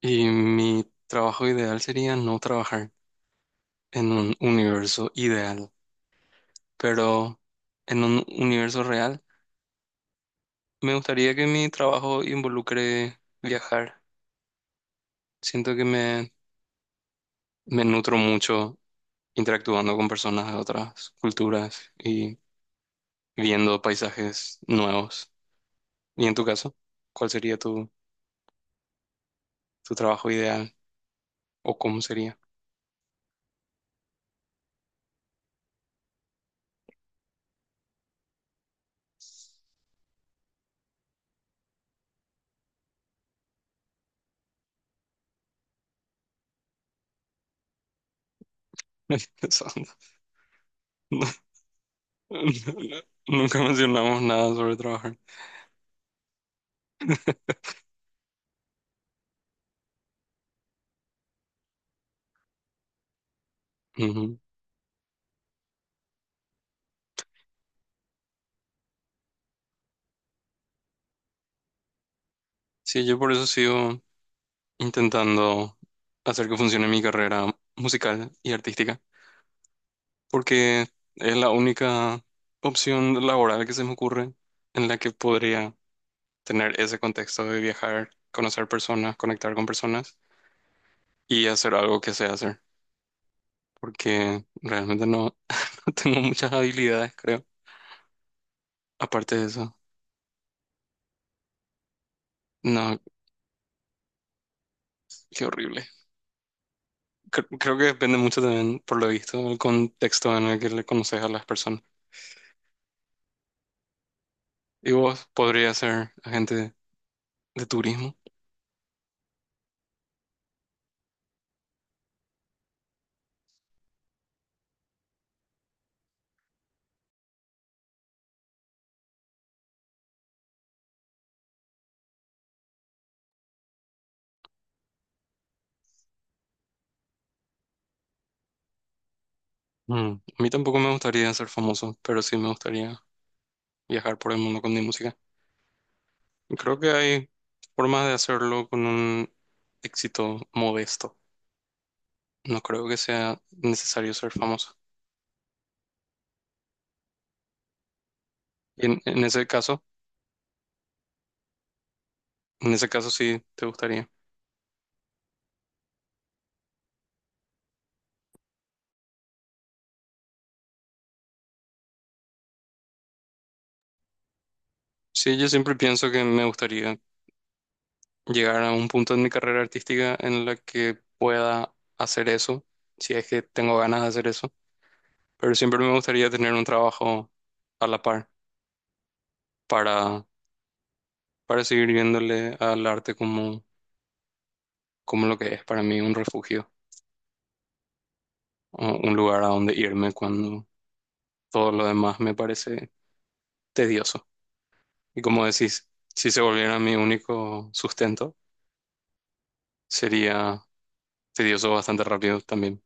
Y mi trabajo ideal sería no trabajar en un universo ideal, pero en un universo real me gustaría que mi trabajo involucre viajar. Siento que me nutro mucho interactuando con personas de otras culturas y viendo paisajes nuevos. Y en tu caso, ¿cuál sería tu trabajo ideal o cómo sería? Pensando. No, no, no, nunca mencionamos nada sobre trabajar. Ujú. Sí, yo por eso sigo intentando hacer que funcione mi carrera musical y artística, porque es la única opción laboral que se me ocurre en la que podría tener ese contexto de viajar, conocer personas, conectar con personas y hacer algo que sé hacer, porque realmente no tengo muchas habilidades, creo. Aparte de eso, no, qué horrible. Creo que depende mucho también, por lo visto, del contexto en el que le conoces a las personas. ¿Y vos podrías ser agente de turismo? Mm, a mí tampoco me gustaría ser famoso, pero sí me gustaría viajar por el mundo con mi música. Y creo que hay formas de hacerlo con un éxito modesto. No creo que sea necesario ser famoso. Y en ese caso sí te gustaría. Sí, yo siempre pienso que me gustaría llegar a un punto en mi carrera artística en la que pueda hacer eso, si es que tengo ganas de hacer eso. Pero siempre me gustaría tener un trabajo a la par para para seguir viéndole al arte como, como lo que es para mí un refugio, o un lugar a donde irme cuando todo lo demás me parece tedioso. Y como decís, si se volviera mi único sustento, sería tedioso bastante rápido también.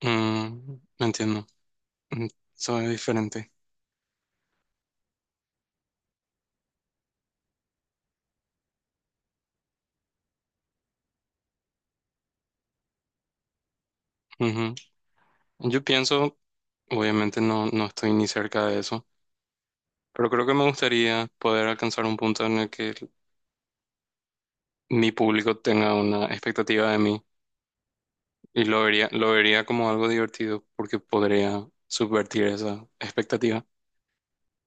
Mm, entiendo. Mm, eso es diferente. Ujú. Yo pienso, obviamente no estoy ni cerca de eso, pero creo que me gustaría poder alcanzar un punto en el que mi público tenga una expectativa de mí. Y lo vería como algo divertido porque podría subvertir esa expectativa.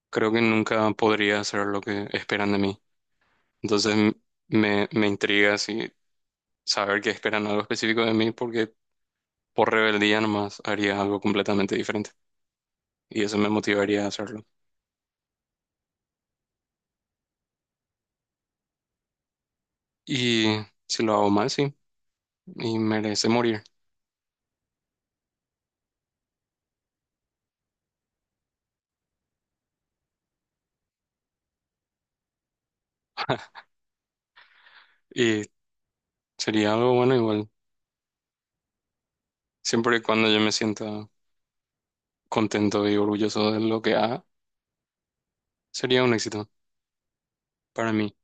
Creo que nunca podría hacer lo que esperan de mí. Entonces me intriga si saber que esperan algo específico de mí porque por rebeldía nomás haría algo completamente diferente. Y eso me motivaría a hacerlo. Y si lo hago mal, sí. Y merece morir. Y sería algo bueno igual. Siempre y cuando yo me sienta contento y orgulloso de lo que haga, sería un éxito para mí.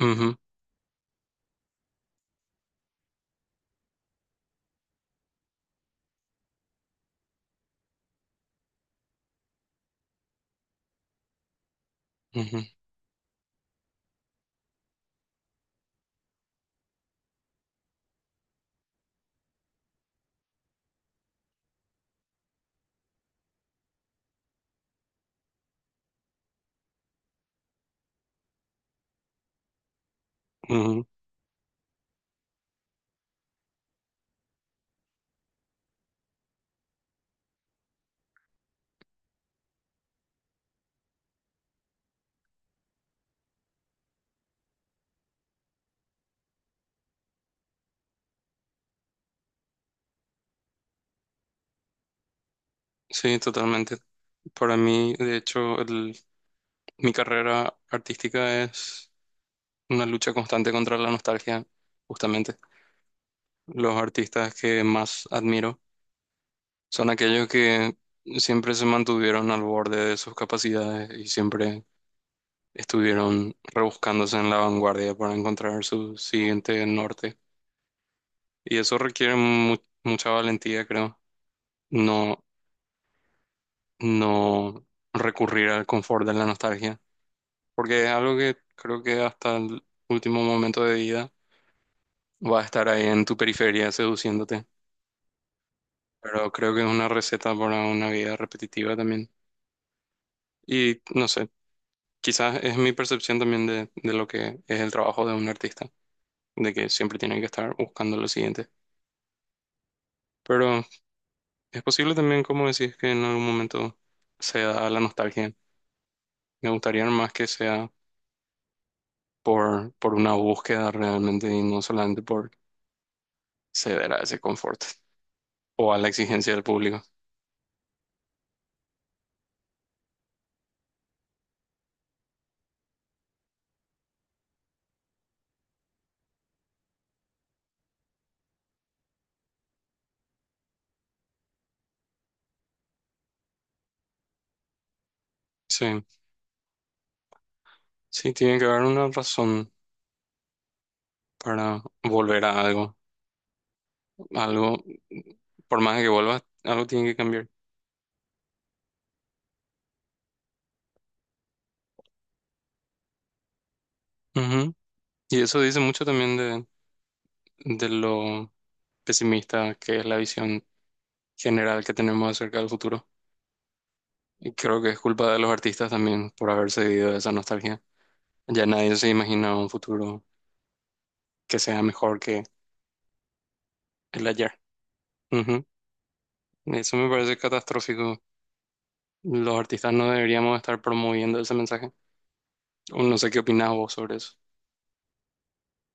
Ujú, ujú, ujú. Sí, totalmente. Para mí, de hecho, mi carrera artística es una lucha constante contra la nostalgia, justamente. Los artistas que más admiro son aquellos que siempre se mantuvieron al borde de sus capacidades y siempre estuvieron rebuscándose en la vanguardia para encontrar su siguiente norte. Y eso requiere mucha valentía, creo. No, no recurrir al confort de la nostalgia porque es algo que creo que hasta el último momento de vida va a estar ahí en tu periferia seduciéndote. Pero creo que es una receta para una vida repetitiva también. Y no sé, quizás es mi percepción también de lo que es el trabajo de un artista, de que siempre tiene que estar buscando lo siguiente. Pero es posible también, como decís, que en algún momento se da la nostalgia. Me gustaría más que sea por una búsqueda realmente y no solamente por ceder a ese confort o a la exigencia del público. Sí, sí, tiene que haber una razón para volver a algo. Algo, por más que vuelvas, algo tiene que cambiar. Ujú. Y eso dice mucho también de lo pesimista que es la visión general que tenemos acerca del futuro. Y creo que es culpa de los artistas también por haber cedido a esa nostalgia. Ya nadie se imagina un futuro que sea mejor que el ayer. Ujú. Eso me parece catastrófico. Los artistas no deberíamos estar promoviendo ese mensaje. O no sé qué opinas vos sobre eso.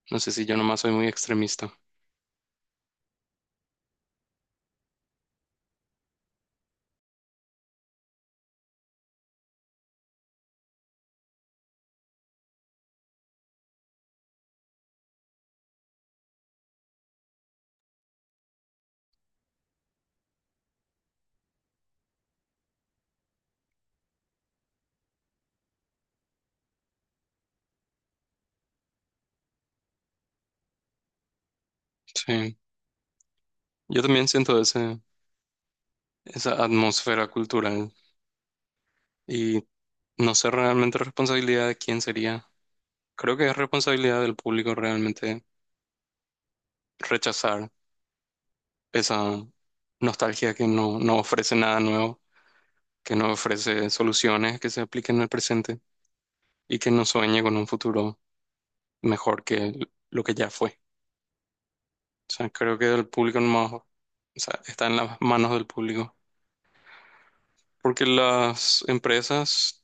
No sé si yo nomás soy muy extremista. Sí, yo también siento esa atmósfera cultural y no sé realmente responsabilidad de quién sería. Creo que es responsabilidad del público realmente rechazar esa nostalgia que no ofrece nada nuevo, que no ofrece soluciones que se apliquen al presente y que no sueñe con un futuro mejor que lo que ya fue. O sea, creo que el público nomás, o sea, está en las manos del público. Porque las empresas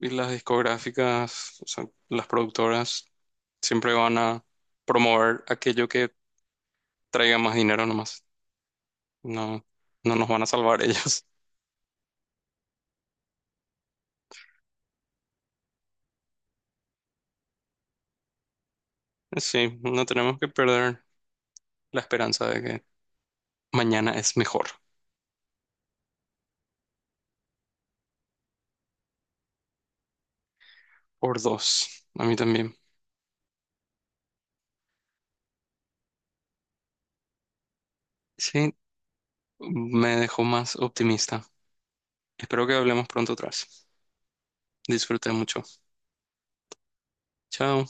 y las discográficas, o sea, las productoras, siempre van a promover aquello que traiga más dinero nomás. No, no nos van a salvar ellos. Sí, no tenemos que perder la esperanza de que mañana es mejor. Por dos, a mí también. Sí, me dejó más optimista. Espero que hablemos pronto atrás. Disfruté mucho. Chao.